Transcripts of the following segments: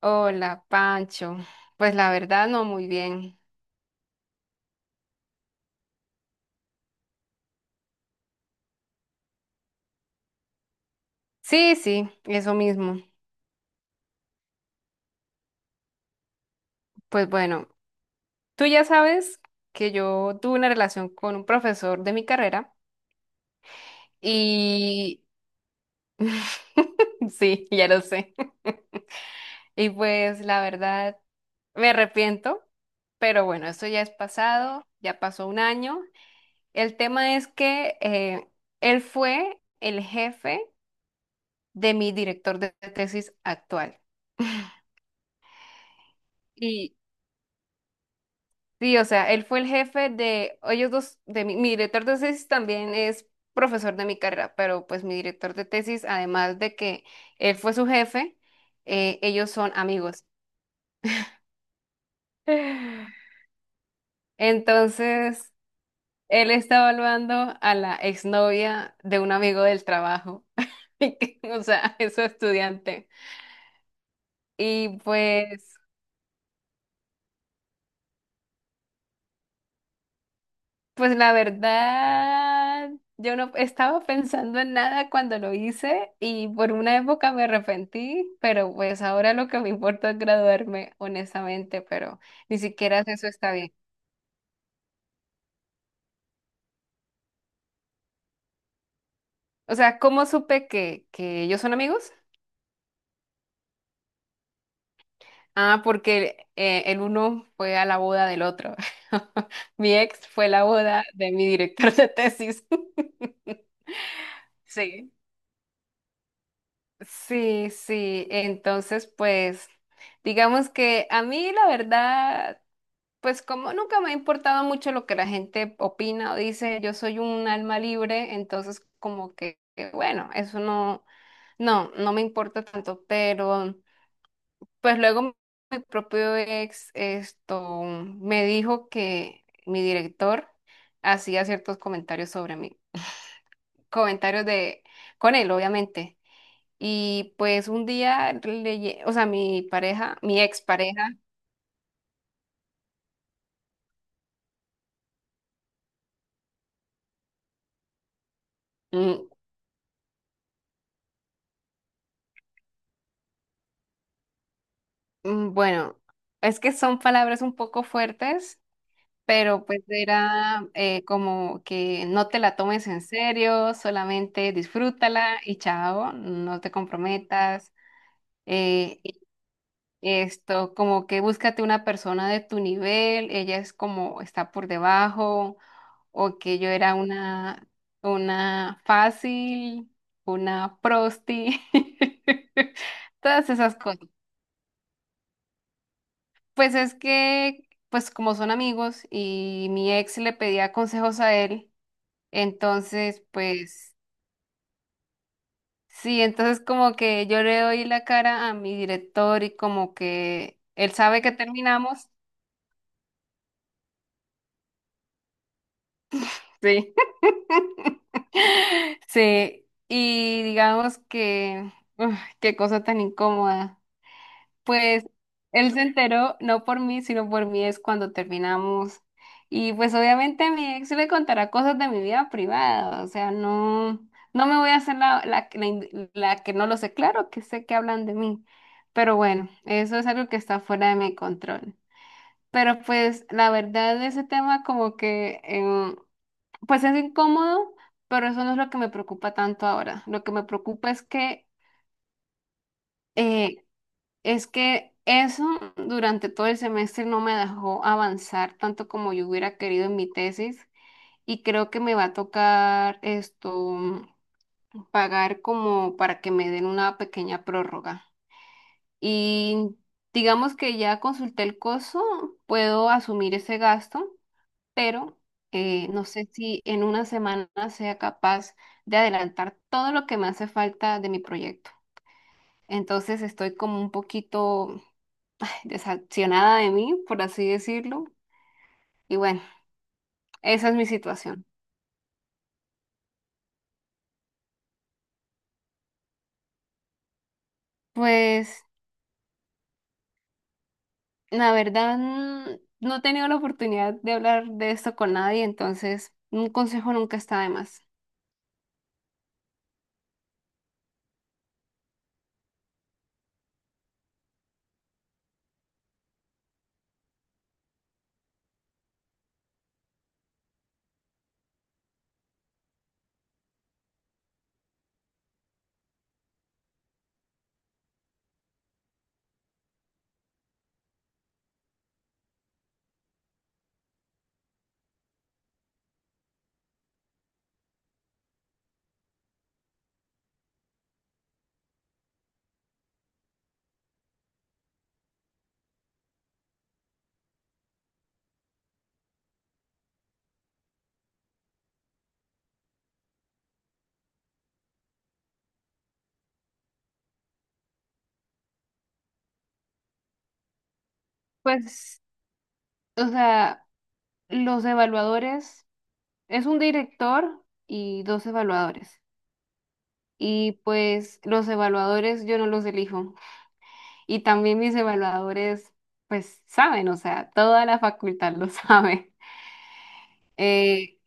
Hola, Pancho. Pues la verdad no muy bien. Sí, sí, eso mismo. Pues bueno, tú ya sabes que yo tuve una relación con un profesor de mi carrera y sí, ya lo sé. Y pues la verdad me arrepiento, pero bueno, esto ya es pasado, ya pasó un año. El tema es que él fue el jefe de mi director de tesis actual. Y sí, o sea, él fue el jefe de ellos dos, de mi director de tesis también es profesor de mi carrera, pero pues mi director de tesis, además de que él fue su jefe, ellos son amigos. Entonces, él está evaluando a la exnovia de un amigo del trabajo, o sea, es su estudiante. Y pues... Pues la verdad, yo no estaba pensando en nada cuando lo hice y por una época me arrepentí, pero pues ahora lo que me importa es graduarme, honestamente, pero ni siquiera eso está bien. O sea, ¿cómo supe que ellos son amigos? Ah, porque el uno fue a la boda del otro. Mi ex fue la boda de mi director de tesis. Sí, sí, sí. Entonces, pues, digamos que a mí la verdad... Pues como nunca me ha importado mucho lo que la gente opina o dice, yo soy un alma libre, entonces como que bueno, eso no me importa tanto, pero pues luego mi propio ex esto me dijo que mi director hacía ciertos comentarios sobre mí, comentarios de, con él, obviamente. Y pues un día, o sea, mi pareja, mi ex pareja, mm, Bueno, es que son palabras un poco fuertes, pero pues era como que no te la tomes en serio, solamente disfrútala y chao, no te comprometas. Y esto, como que búscate una persona de tu nivel, ella es como está por debajo, o que yo era una fácil, una prosti, todas esas cosas. Pues es que, pues como son amigos y mi ex le pedía consejos a él, entonces, pues sí, entonces como que yo le doy la cara a mi director y como que él sabe que terminamos. Sí. Sí, y digamos que, uf, qué cosa tan incómoda. Pues él se enteró, no por mí, sino por mí es cuando terminamos. Y pues obviamente mi ex le contará cosas de mi vida privada, o sea, no me voy a hacer la que no lo sé, claro que sé que hablan de mí, pero bueno, eso es algo que está fuera de mi control. Pero pues la verdad ese tema como que, pues es incómodo, pero eso no es lo que me preocupa tanto ahora. Lo que me preocupa eh, es que eso durante todo el semestre no me dejó avanzar tanto como yo hubiera querido en mi tesis y creo que me va a tocar esto pagar como para que me den una pequeña prórroga. Y digamos que ya consulté el costo, puedo asumir ese gasto, pero no sé si en una semana sea capaz de adelantar todo lo que me hace falta de mi proyecto. Entonces estoy como un poquito desaccionada de mí, por así decirlo. Y bueno, esa es mi situación. Pues la verdad no he tenido la oportunidad de hablar de esto con nadie, entonces un consejo nunca está de más. Pues, o sea, los evaluadores, es un director y dos evaluadores. Y pues los evaluadores yo no los elijo. Y también mis evaluadores, pues saben, o sea, toda la facultad lo sabe. Eh,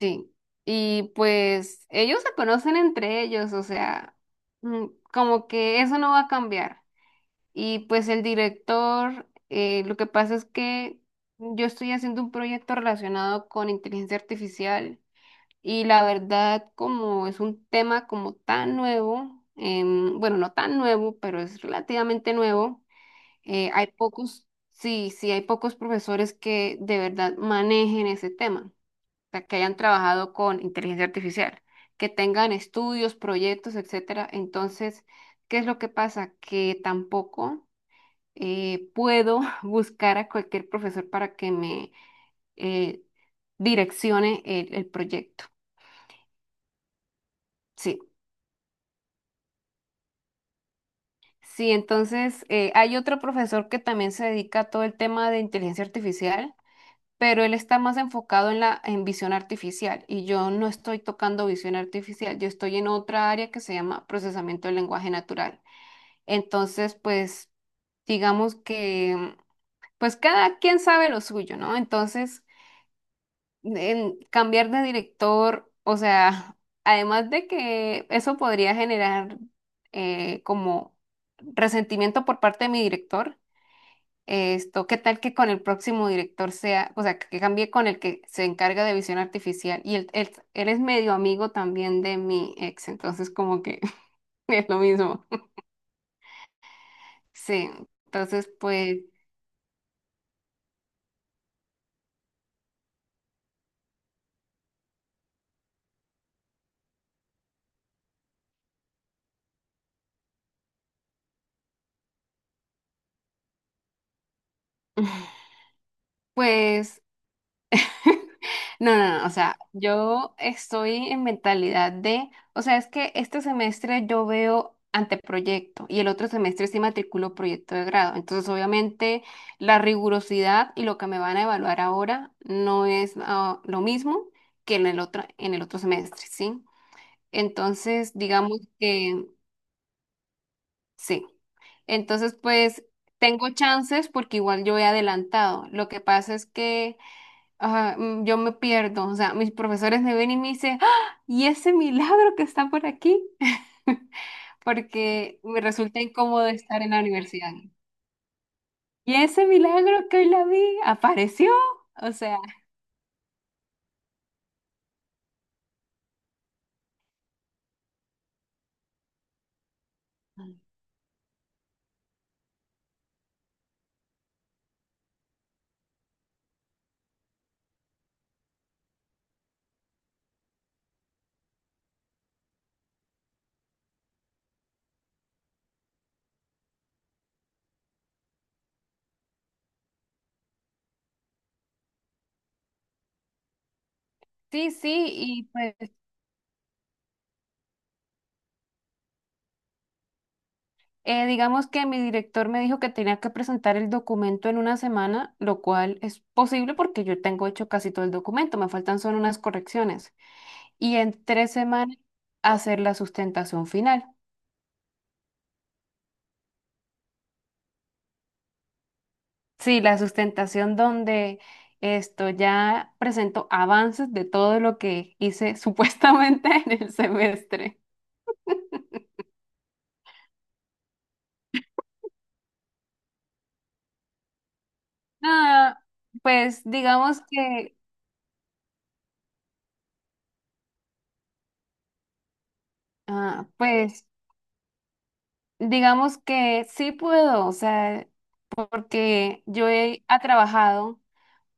Sí, y pues ellos se conocen entre ellos, o sea, mm, como que eso no va a cambiar. Y pues el director, lo que pasa es que yo estoy haciendo un proyecto relacionado con inteligencia artificial y la verdad como es un tema como tan nuevo, bueno, no tan nuevo, pero es relativamente nuevo, sí, sí, hay pocos profesores que de verdad manejen ese tema sea, que hayan trabajado con inteligencia artificial, que tengan estudios, proyectos, etcétera. Entonces, ¿qué es lo que pasa? Que tampoco puedo buscar a cualquier profesor para que me eh, direccione el proyecto. Sí. Sí, entonces hay otro profesor que también se dedica a todo el tema de inteligencia artificial pero él está más enfocado en visión artificial y yo no estoy tocando visión artificial, yo estoy en otra área que se llama procesamiento del lenguaje natural. Entonces, pues digamos que pues cada quien sabe lo suyo, ¿no? Entonces, en cambiar de director, o sea, además de que eso podría generar como resentimiento por parte de mi director, esto, ¿qué tal que con el próximo director sea, o sea, que cambie con el que se encarga de visión artificial? Y él es medio amigo también de mi ex, entonces como que es lo mismo. Sí, entonces pues, pues no, no, no, o sea, yo estoy en mentalidad de, o sea, es que este semestre yo veo anteproyecto y el otro semestre sí matriculo proyecto de grado. Entonces, obviamente, la rigurosidad y lo que me van a evaluar ahora no es lo mismo que en el otro semestre, ¿sí? Entonces, digamos que sí. Entonces, pues, tengo chances porque igual yo he adelantado. Lo que pasa es que ajá, yo me pierdo, o sea, mis profesores me ven y me dicen, ¡ah! ¿Y ese milagro que está por aquí? Porque me resulta incómodo estar en la universidad. ¿Y ese milagro que hoy la vi apareció? O sea, sí, sí, y pues digamos que mi director me dijo que tenía que presentar el documento en una semana, lo cual es posible porque yo tengo hecho casi todo el documento, me faltan solo unas correcciones. Y en 3 semanas hacer la sustentación final. Sí, la sustentación donde esto ya presento avances de todo lo que hice supuestamente en el semestre. Ah, pues digamos que, ah, pues digamos que sí puedo, o sea, porque yo he ha trabajado,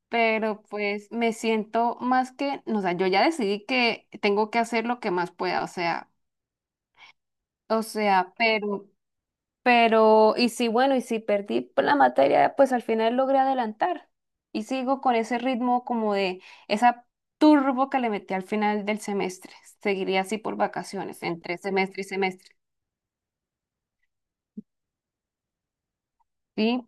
pero pues me siento más que, no, o sea, yo ya decidí que tengo que hacer lo que más pueda, o sea, pero, y si perdí por la materia, pues al final logré adelantar. Y sigo con ese ritmo como de esa turbo que le metí al final del semestre. Seguiría así por vacaciones, entre semestre y semestre. Sí,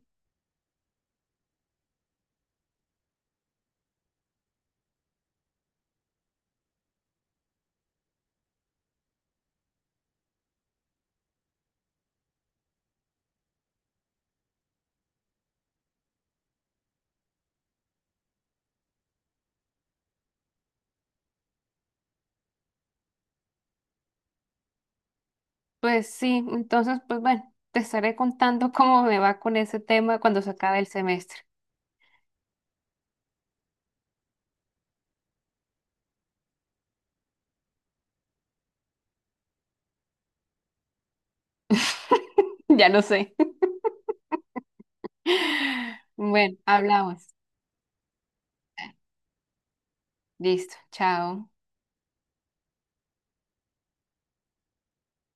pues sí, entonces, pues bueno, te estaré contando cómo me va con ese tema cuando se acabe el semestre. Ya lo sé. Bueno, hablamos. Listo, chao.